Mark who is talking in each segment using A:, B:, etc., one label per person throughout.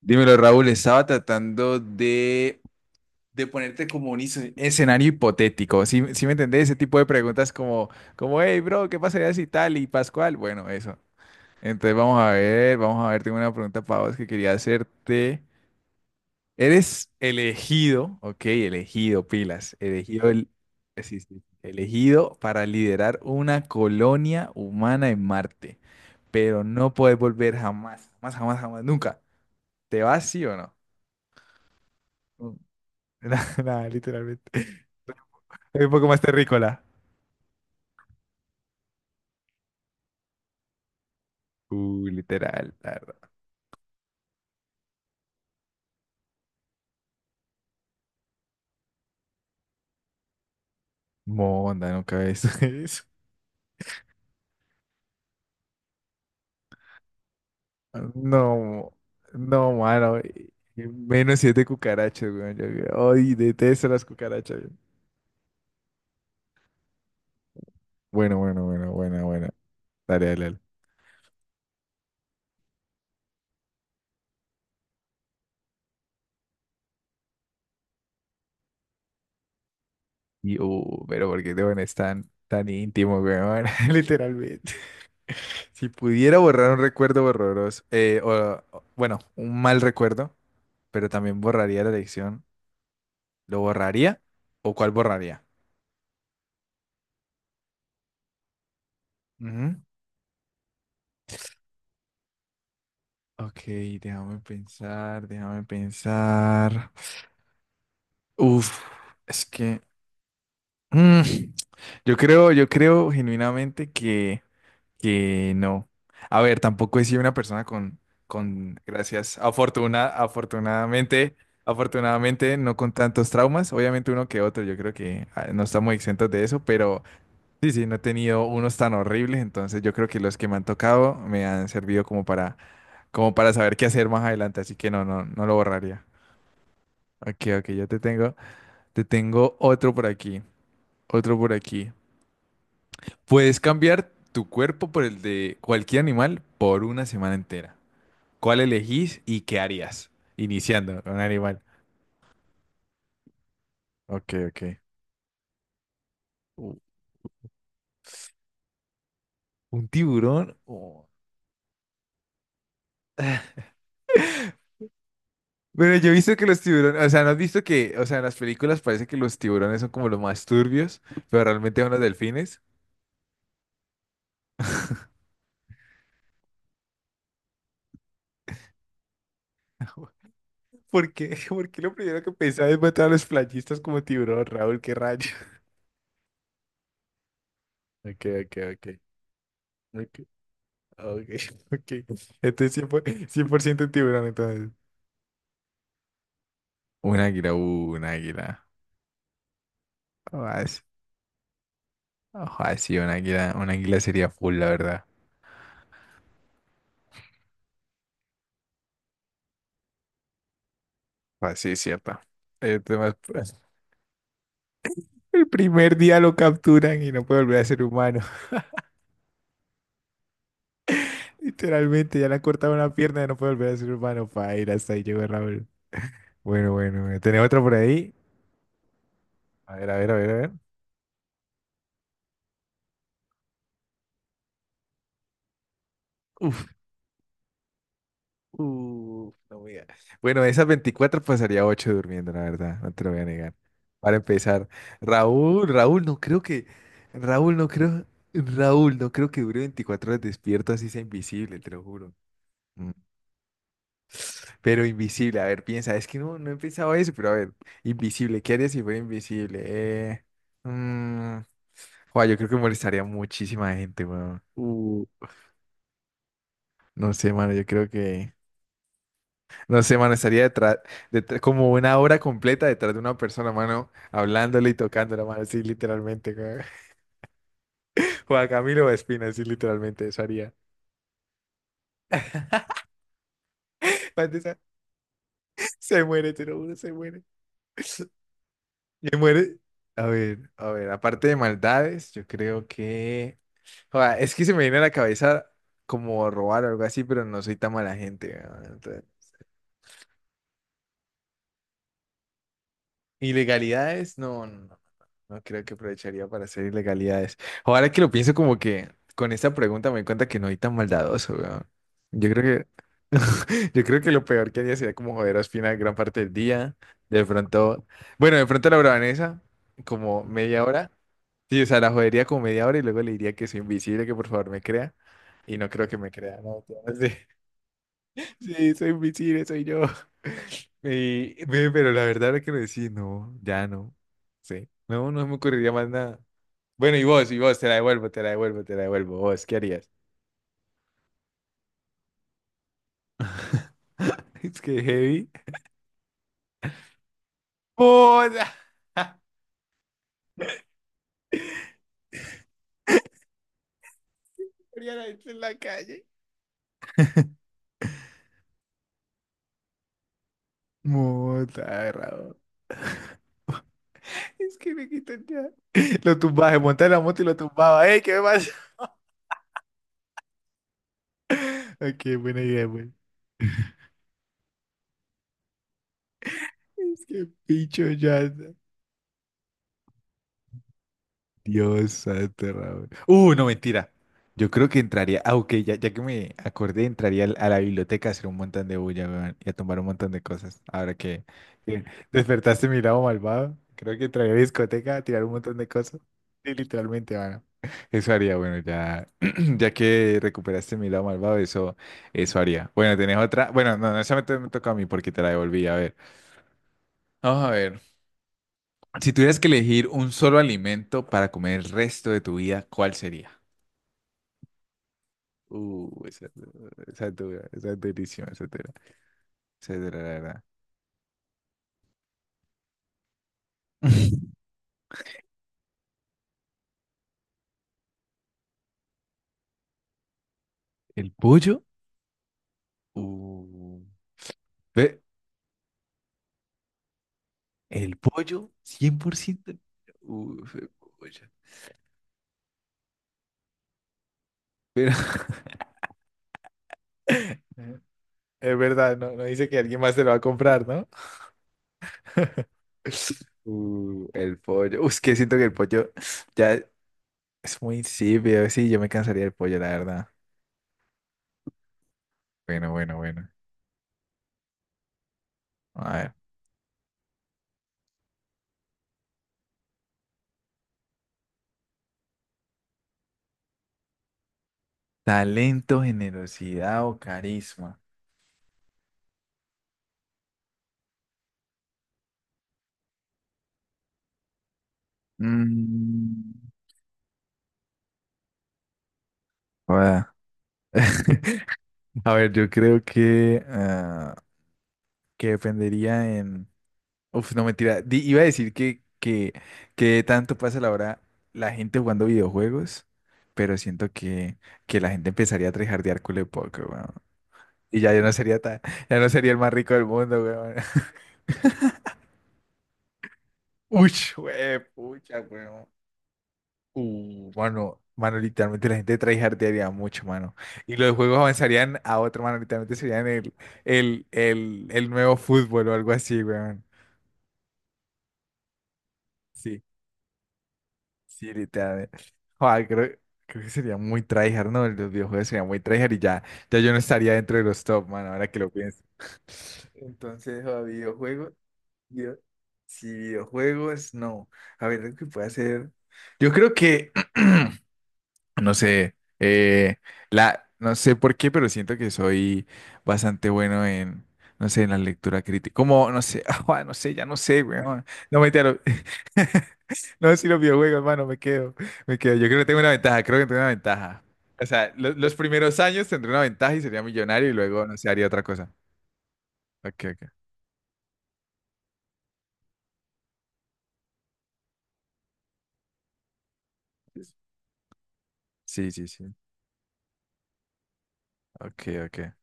A: Dímelo, Raúl, estaba tratando de ponerte como un escenario hipotético. ¿Sí, sí me entendés? Ese tipo de preguntas como, hey, bro, ¿qué pasaría si tal y Pascual? Bueno, eso. Entonces vamos a ver, tengo una pregunta para vos que quería hacerte. Eres elegido, ok, elegido, pilas, elegido, sí, sí, elegido para liderar una colonia humana en Marte, pero no puedes volver jamás, jamás, jamás, jamás, nunca. ¿Te vas, sí o no? Nada, nada, literalmente. Es un poco más terrícola. Literal, la verdad. Monda, nunca ves eso. No, no, mano. Y menos siete cucarachas, weón. Yo, ay, detesto las cucarachas, weón. Bueno, bueno, bueno, bueno, bueno. Dale, dale, dale. Y, pero ¿por qué te pones tan, tan íntimo, weón? Literalmente. Si pudiera borrar un recuerdo borroso, bueno, un mal recuerdo, pero también borraría la lección, ¿lo borraría? ¿O cuál borraría? Ujú. Ok, déjame pensar, déjame pensar. Uf, es que mm, yo creo genuinamente que no. A ver, tampoco he sido una persona con, gracias, afortunadamente, afortunadamente no con tantos traumas, obviamente uno que otro, yo creo que no estamos exentos de eso, pero sí, sí, no he tenido unos tan horribles, entonces yo creo que los que me han tocado me han servido como para como para saber qué hacer más adelante, así que no, no, no lo borraría. Ok, ok, yo te tengo otro por aquí, otro por aquí. Puedes cambiar tu cuerpo por el de cualquier animal por una semana entera. ¿Cuál elegís y qué harías? Iniciando con un animal. Ok, ok. U- ¿un tiburón? Oh. Pero yo he visto que los tiburones, o sea, ¿no has visto que, o sea, en las películas parece que los tiburones son como los más turbios, pero realmente son los delfines? ¿Por qué? ¿Por qué lo primero que pensaba es matar a los playistas como tiburón, Raúl? ¿Qué rayo? Ok, ok, ok. Ok, ok, ok. Entonces cien por ciento, cien por ciento tiburón, entonces. Un águila, un águila. Ah, ajá, sí, un águila sería full, la verdad. Ah, sí, es cierto. El tema es, pues, el primer día lo capturan y no puede volver a ser humano. Literalmente, ya le han cortado una pierna y no puede volver a ser humano. Para ir hasta ahí llegó Raúl. Bueno, bueno, bueno. ¿Tenés otra por ahí? A ver, a ver, a ver, a ver. Uf. Uf, no voy a- Bueno, de esas 24 pasaría 8 durmiendo, la verdad, no te lo voy a negar. Para empezar, Raúl, Raúl, no creo, Raúl, no creo que dure 24 horas despierto así sea invisible, te lo juro. Mm. Pero invisible, a ver, piensa, es que no, no he pensado eso, pero a ver, invisible, ¿qué haría si fuera invisible? Mm, joa, yo creo que molestaría a muchísima gente, weón. No sé, mano, yo creo que... No sé, mano, estaría detrás, como una hora completa detrás de una persona, mano, hablándole y tocándola, mano, así literalmente, güey. Juan Camilo Espina, así literalmente, eso haría. Aparte, se muere, te lo juro, se muere. Se muere. A ver, aparte de maldades, yo creo que... Joda, es que se me viene a la cabeza como robar o algo así, pero no soy tan mala gente. ¿Ilegalidades? No, no, no, no no creo que aprovecharía para hacer ilegalidades. Ahora que lo pienso como que con esta pregunta me doy cuenta que no soy tan maldadoso, weón. Yo creo que, yo creo que lo peor que haría sería como joder a Ospina gran parte del día. De pronto, bueno, de pronto la bravanesa, como media hora. Sí, o sea, la jodería como media hora y luego le diría que soy invisible, que por favor me crea. Y no creo que me crea, no. Sí. Sí, soy invisible, soy yo. Y, ve, pero la verdad es que lo decís, no, ya no. Sí, no, no me ocurriría más nada. Bueno, y vos, te la devuelvo, te la devuelvo, te la devuelvo. Vos, ¿qué harías? Es que heavy. ¡Mota! Haría la gente en la calle. ¡Mota, agarrado! Es que me quitan ya. Lo tumbaba, se montaba en la moto y lo tumbaba. ¡Ey, qué me pasa! Ok, buena idea, güey. Es que picho ya. Dios santo, Raúl. No, mentira. Yo creo que entraría. Ah, ok, ya, ya que me acordé, entraría a la biblioteca a hacer un montón de bulla, weón, y a tomar un montón de cosas. Ahora que despertaste mi lado malvado, creo que entraría a la discoteca a tirar un montón de cosas. Sí, literalmente, mano. Eso haría, bueno, ya, ya que recuperaste mi lado malvado, eso haría. Bueno, ¿tenés otra? Bueno, no, no, esa me, me toca a mí porque te la devolví. A ver. Vamos a ver. Si tuvieras que elegir un solo alimento para comer el resto de tu vida, ¿cuál sería? Esa, esa es dura, esa es deliciosa, esa es dura, la verdad. ¿El pollo? Uh, ve, ¿el pollo? 100%. Uf, el pollo. Pero es verdad, no, no dice que alguien más se lo va a comprar, ¿no? El pollo. Es que siento que el pollo ya es muy insípido. Sí, yo me cansaría del pollo, la verdad. Bueno, bueno, bueno. A ver. Talento, generosidad o carisma. Mm, joda. A ver, yo creo que, ah, que dependería en... Uf, no mentira. Iba a decir que tanto pasa la hora la gente jugando videojuegos, pero siento que la gente empezaría a trejardear culo poco, weón. Y ya yo no sería tan, ya no sería el más rico del mundo, weón. Uy, pucha, weón. Mano, mano, literalmente la gente de tryhardearía mucho, mano. Y los juegos avanzarían a otro, mano, literalmente serían el nuevo fútbol o algo así, weón. Sí, sí, literalmente. Joder, creo, creo que sería muy tryhard, ¿no? Los videojuegos serían muy tryhard y ya, ya yo no estaría dentro de los top, mano, ahora que lo pienso. Entonces, joder, videojuegos, video- sí, videojuegos, no. A ver, lo que puede hacer. Yo creo que. No sé, la, no sé por qué, pero siento que soy bastante bueno en, no sé, en la lectura crítica. Como, no sé, ah, no sé, ya no sé, weón. No me entero. No, si los videojuegos, hermano, me quedo, me quedo. Yo creo que tengo una ventaja, creo que tengo una ventaja. O sea, los primeros años tendré una ventaja y sería millonario y luego, no sé, haría otra cosa. Ok, ok. Sí, sí, sí. Ok, ok.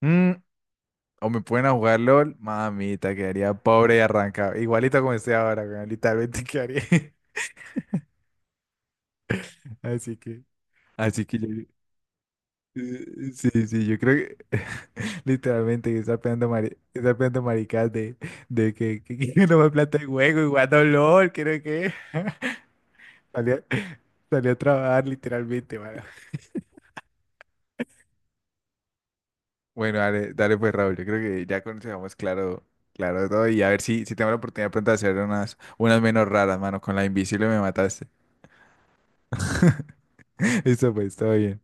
A: Mm, o me pueden a jugar LOL, mamita, quedaría pobre y arrancado. Igualito como estoy ahora, weón, literalmente quedaría. Así que, así que yo, sí, sí, yo creo que literalmente que está pegando, está pegando maricas de que no me plata el juego y jugando LOL, creo que salí a, salí a trabajar literalmente, mano. Bueno, dale, dale pues Raúl, yo creo que ya conocemos claro, claro todo y a ver si, si tengo la oportunidad pronto de hacer unas, unas menos raras, mano, con la invisible me mataste. Listo, pues, todo bien.